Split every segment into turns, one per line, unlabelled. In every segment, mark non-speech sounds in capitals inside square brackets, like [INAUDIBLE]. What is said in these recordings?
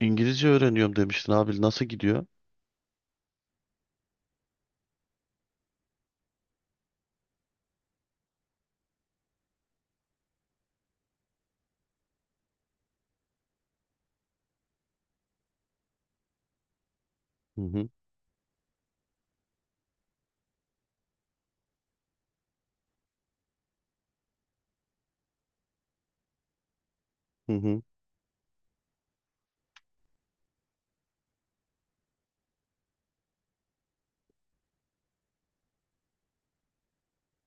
İngilizce öğreniyorum demiştin abi. Nasıl gidiyor? Hı hı, hı hı,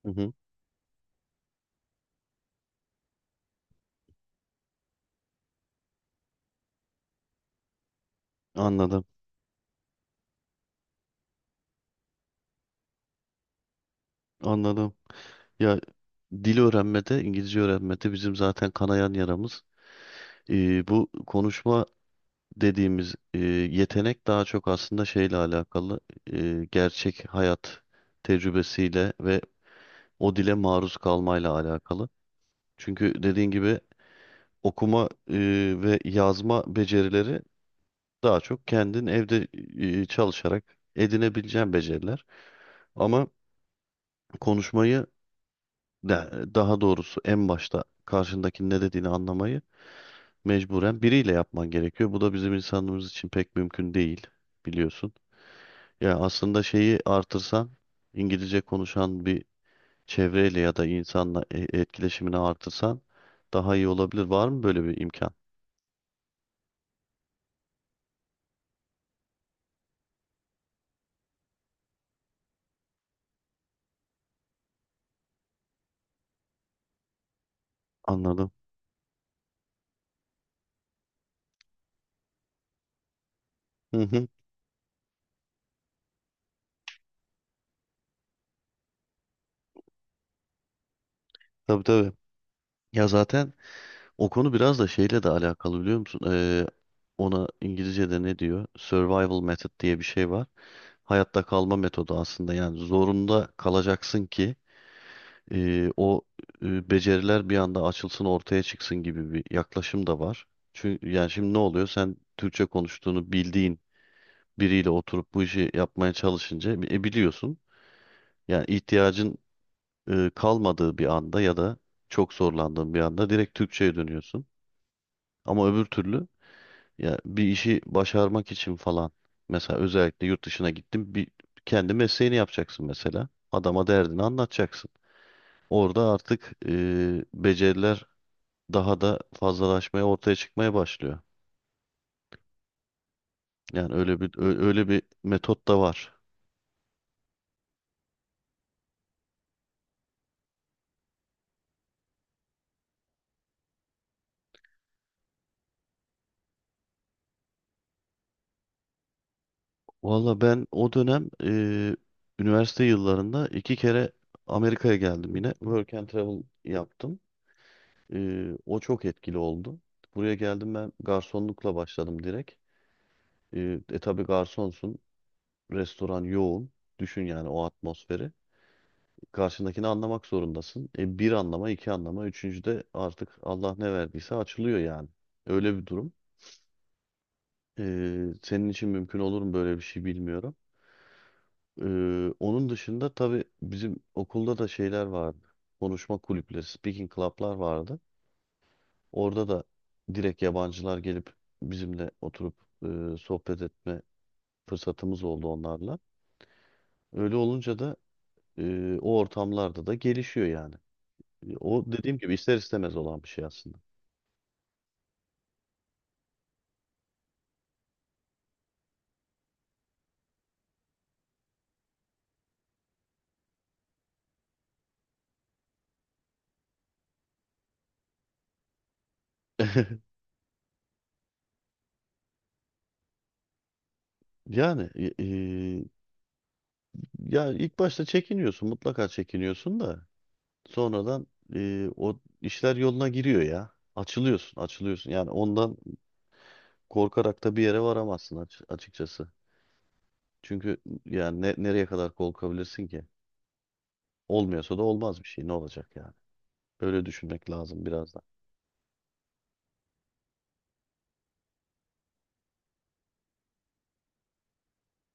hı hı. Anladım, anladım. Ya dil öğrenmede, İngilizce öğrenmede bizim zaten kanayan yaramız. Bu konuşma dediğimiz yetenek daha çok aslında şeyle alakalı. Gerçek hayat tecrübesiyle ve o dile maruz kalmayla alakalı. Çünkü dediğin gibi okuma ve yazma becerileri daha çok kendin evde çalışarak edinebileceğin beceriler. Ama konuşmayı daha doğrusu en başta karşındakinin ne dediğini anlamayı mecburen biriyle yapman gerekiyor. Bu da bizim insanımız için pek mümkün değil, biliyorsun. Ya aslında şeyi artırsan, İngilizce konuşan bir çevreyle ya da insanla etkileşimini artırsan daha iyi olabilir. Var mı böyle bir imkan? Anladım. Hı hı. Tabii tabii. Ya zaten o konu biraz da şeyle de alakalı, biliyor musun? Ona İngilizce'de ne diyor? Survival method diye bir şey var. Hayatta kalma metodu aslında. Yani zorunda kalacaksın ki o beceriler bir anda açılsın, ortaya çıksın gibi bir yaklaşım da var. Çünkü yani şimdi ne oluyor? Sen Türkçe konuştuğunu bildiğin biriyle oturup bu işi yapmaya çalışınca biliyorsun. Yani ihtiyacın kalmadığı bir anda ya da çok zorlandığın bir anda direkt Türkçe'ye dönüyorsun. Ama öbür türlü, ya bir işi başarmak için falan. Mesela özellikle yurt dışına gittim. Bir kendi mesleğini yapacaksın mesela. Adama derdini anlatacaksın. Orada artık beceriler daha da fazlalaşmaya, ortaya çıkmaya başlıyor. Yani öyle bir öyle bir metot da var. Valla ben o dönem üniversite yıllarında iki kere Amerika'ya geldim yine. Work and travel yaptım. E, O çok etkili oldu. Buraya geldim, ben garsonlukla başladım direkt. Tabii garsonsun. Restoran yoğun. Düşün yani o atmosferi. Karşındakini anlamak zorundasın. Bir anlama, iki anlama, üçüncüde artık Allah ne verdiyse açılıyor yani. Öyle bir durum. E, Senin için mümkün olur mu böyle bir şey bilmiyorum. E, Onun dışında tabii bizim okulda da şeyler vardı. Konuşma kulüpleri, speaking club'lar vardı. Orada da direkt yabancılar gelip bizimle oturup sohbet etme fırsatımız oldu onlarla. Öyle olunca da o ortamlarda da gelişiyor yani. O dediğim gibi ister istemez olan bir şey aslında. [LAUGHS] Yani ya ilk başta çekiniyorsun, mutlaka çekiniyorsun da sonradan o işler yoluna giriyor ya. Açılıyorsun, açılıyorsun. Yani ondan korkarak da bir yere varamazsın, açıkçası. Çünkü yani nereye kadar korkabilirsin ki? Olmuyorsa da olmaz bir şey. Ne olacak yani? Böyle düşünmek lazım biraz da.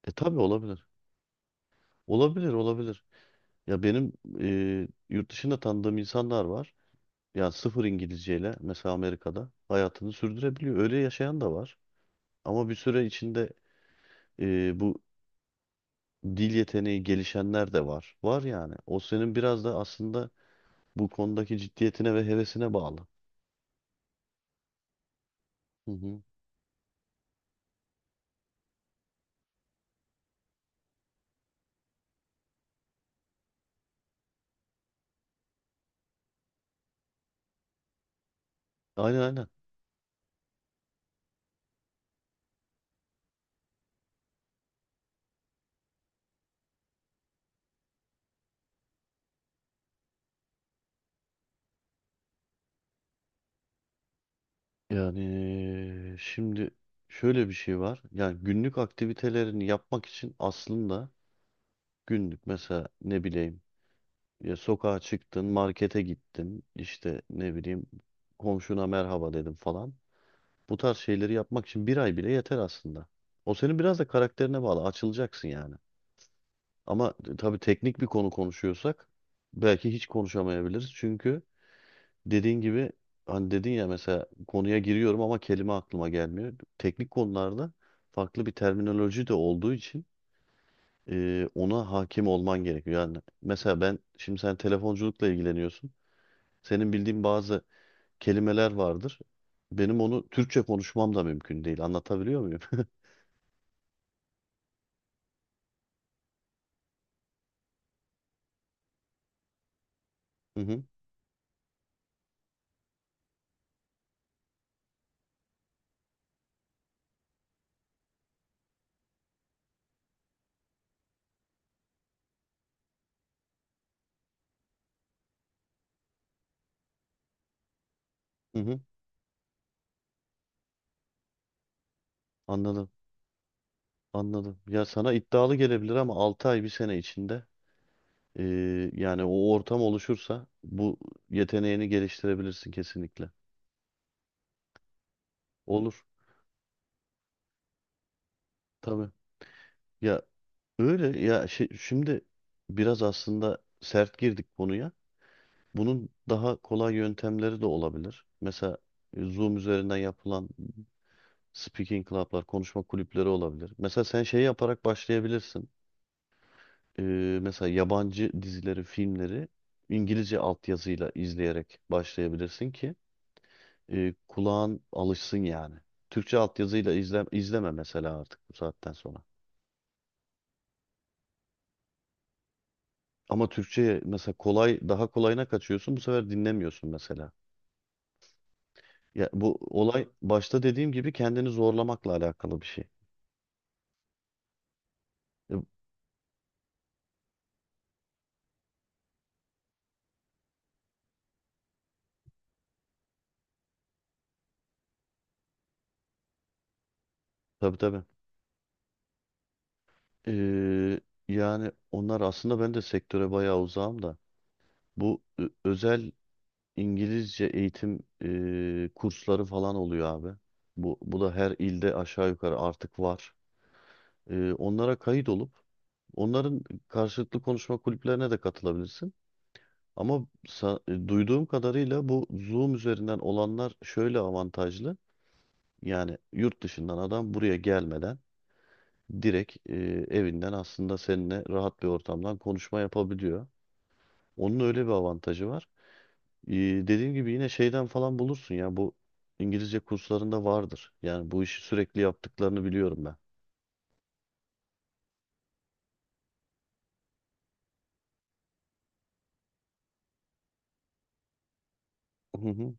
Tabii olabilir. Olabilir, olabilir. Ya benim yurt dışında tanıdığım insanlar var. Yani sıfır İngilizceyle mesela Amerika'da hayatını sürdürebiliyor. Öyle yaşayan da var. Ama bir süre içinde bu dil yeteneği gelişenler de var. Var yani. O senin biraz da aslında bu konudaki ciddiyetine ve hevesine bağlı. Hı hı. Aynen aynen. Yani şimdi şöyle bir şey var. Yani günlük aktivitelerini yapmak için aslında günlük mesela, ne bileyim, ya sokağa çıktın, markete gittin, işte ne bileyim, komşuna merhaba dedim falan. Bu tarz şeyleri yapmak için bir ay bile yeter aslında. O senin biraz da karakterine bağlı. Açılacaksın yani. Ama tabii teknik bir konu konuşuyorsak belki hiç konuşamayabiliriz. Çünkü dediğin gibi, hani dedin ya, mesela konuya giriyorum ama kelime aklıma gelmiyor. Teknik konularda farklı bir terminoloji de olduğu için ona hakim olman gerekiyor. Yani mesela ben şimdi, sen telefonculukla ilgileniyorsun. Senin bildiğin bazı kelimeler vardır. Benim onu Türkçe konuşmam da mümkün değil. Anlatabiliyor muyum? [LAUGHS] Hı hı, hı hı. Anladım, anladım. Ya sana iddialı gelebilir ama 6 ay bir sene içinde e, yani o ortam oluşursa bu yeteneğini geliştirebilirsin kesinlikle. Olur tabii. Ya öyle ya, şey, şimdi biraz aslında sert girdik konuya. Bunun daha kolay yöntemleri de olabilir. Mesela Zoom üzerinden yapılan speaking club'lar, konuşma kulüpleri olabilir. Mesela sen şey yaparak başlayabilirsin. Ee, Mesela yabancı dizileri, filmleri İngilizce altyazıyla izleyerek başlayabilirsin ki kulağın alışsın yani. Türkçe altyazıyla izle, izleme mesela artık bu saatten sonra. Ama Türkçe'ye mesela kolay, daha kolayına kaçıyorsun bu sefer, dinlemiyorsun mesela. Ya bu olay başta dediğim gibi kendini zorlamakla alakalı bir şey. E, tabii tabii. Ee, Yani onlar aslında, ben de sektöre bayağı uzağım da, bu özel İngilizce eğitim kursları falan oluyor abi. Bu da her ilde aşağı yukarı artık var. Onlara kayıt olup onların karşılıklı konuşma kulüplerine de katılabilirsin. Ama duyduğum kadarıyla bu Zoom üzerinden olanlar şöyle avantajlı. Yani yurt dışından adam buraya gelmeden direkt evinden aslında seninle rahat bir ortamdan konuşma yapabiliyor. Onun öyle bir avantajı var. E, Dediğim gibi yine şeyden falan bulursun ya, bu İngilizce kurslarında vardır. Yani bu işi sürekli yaptıklarını biliyorum ben. Hı hı.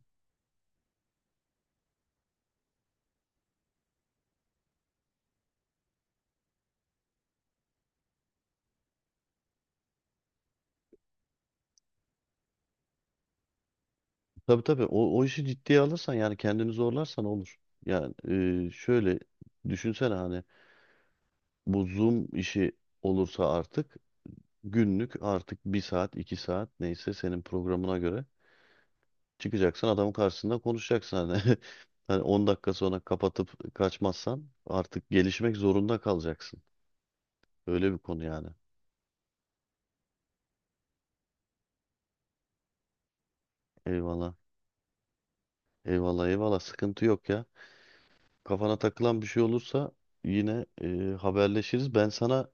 Tabii tabii, o işi ciddiye alırsan yani, kendini zorlarsan olur. Yani şöyle düşünsene, hani bu Zoom işi olursa artık günlük, artık bir saat iki saat neyse senin programına göre, çıkacaksın adamın karşısında konuşacaksın hani, [LAUGHS] hani 10 dakika sonra kapatıp kaçmazsan artık gelişmek zorunda kalacaksın. Öyle bir konu yani. Eyvallah. Eyvallah eyvallah, sıkıntı yok ya. Kafana takılan bir şey olursa yine haberleşiriz. Ben sana,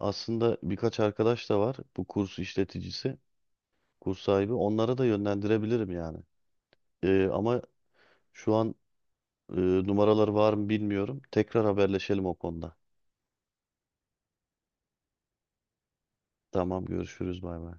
aslında birkaç arkadaş da var bu kurs işleticisi, kurs sahibi. Onlara da yönlendirebilirim yani. Ama şu an Ee, numaralar var mı bilmiyorum. Tekrar haberleşelim o konuda. Tamam, görüşürüz, bay bay.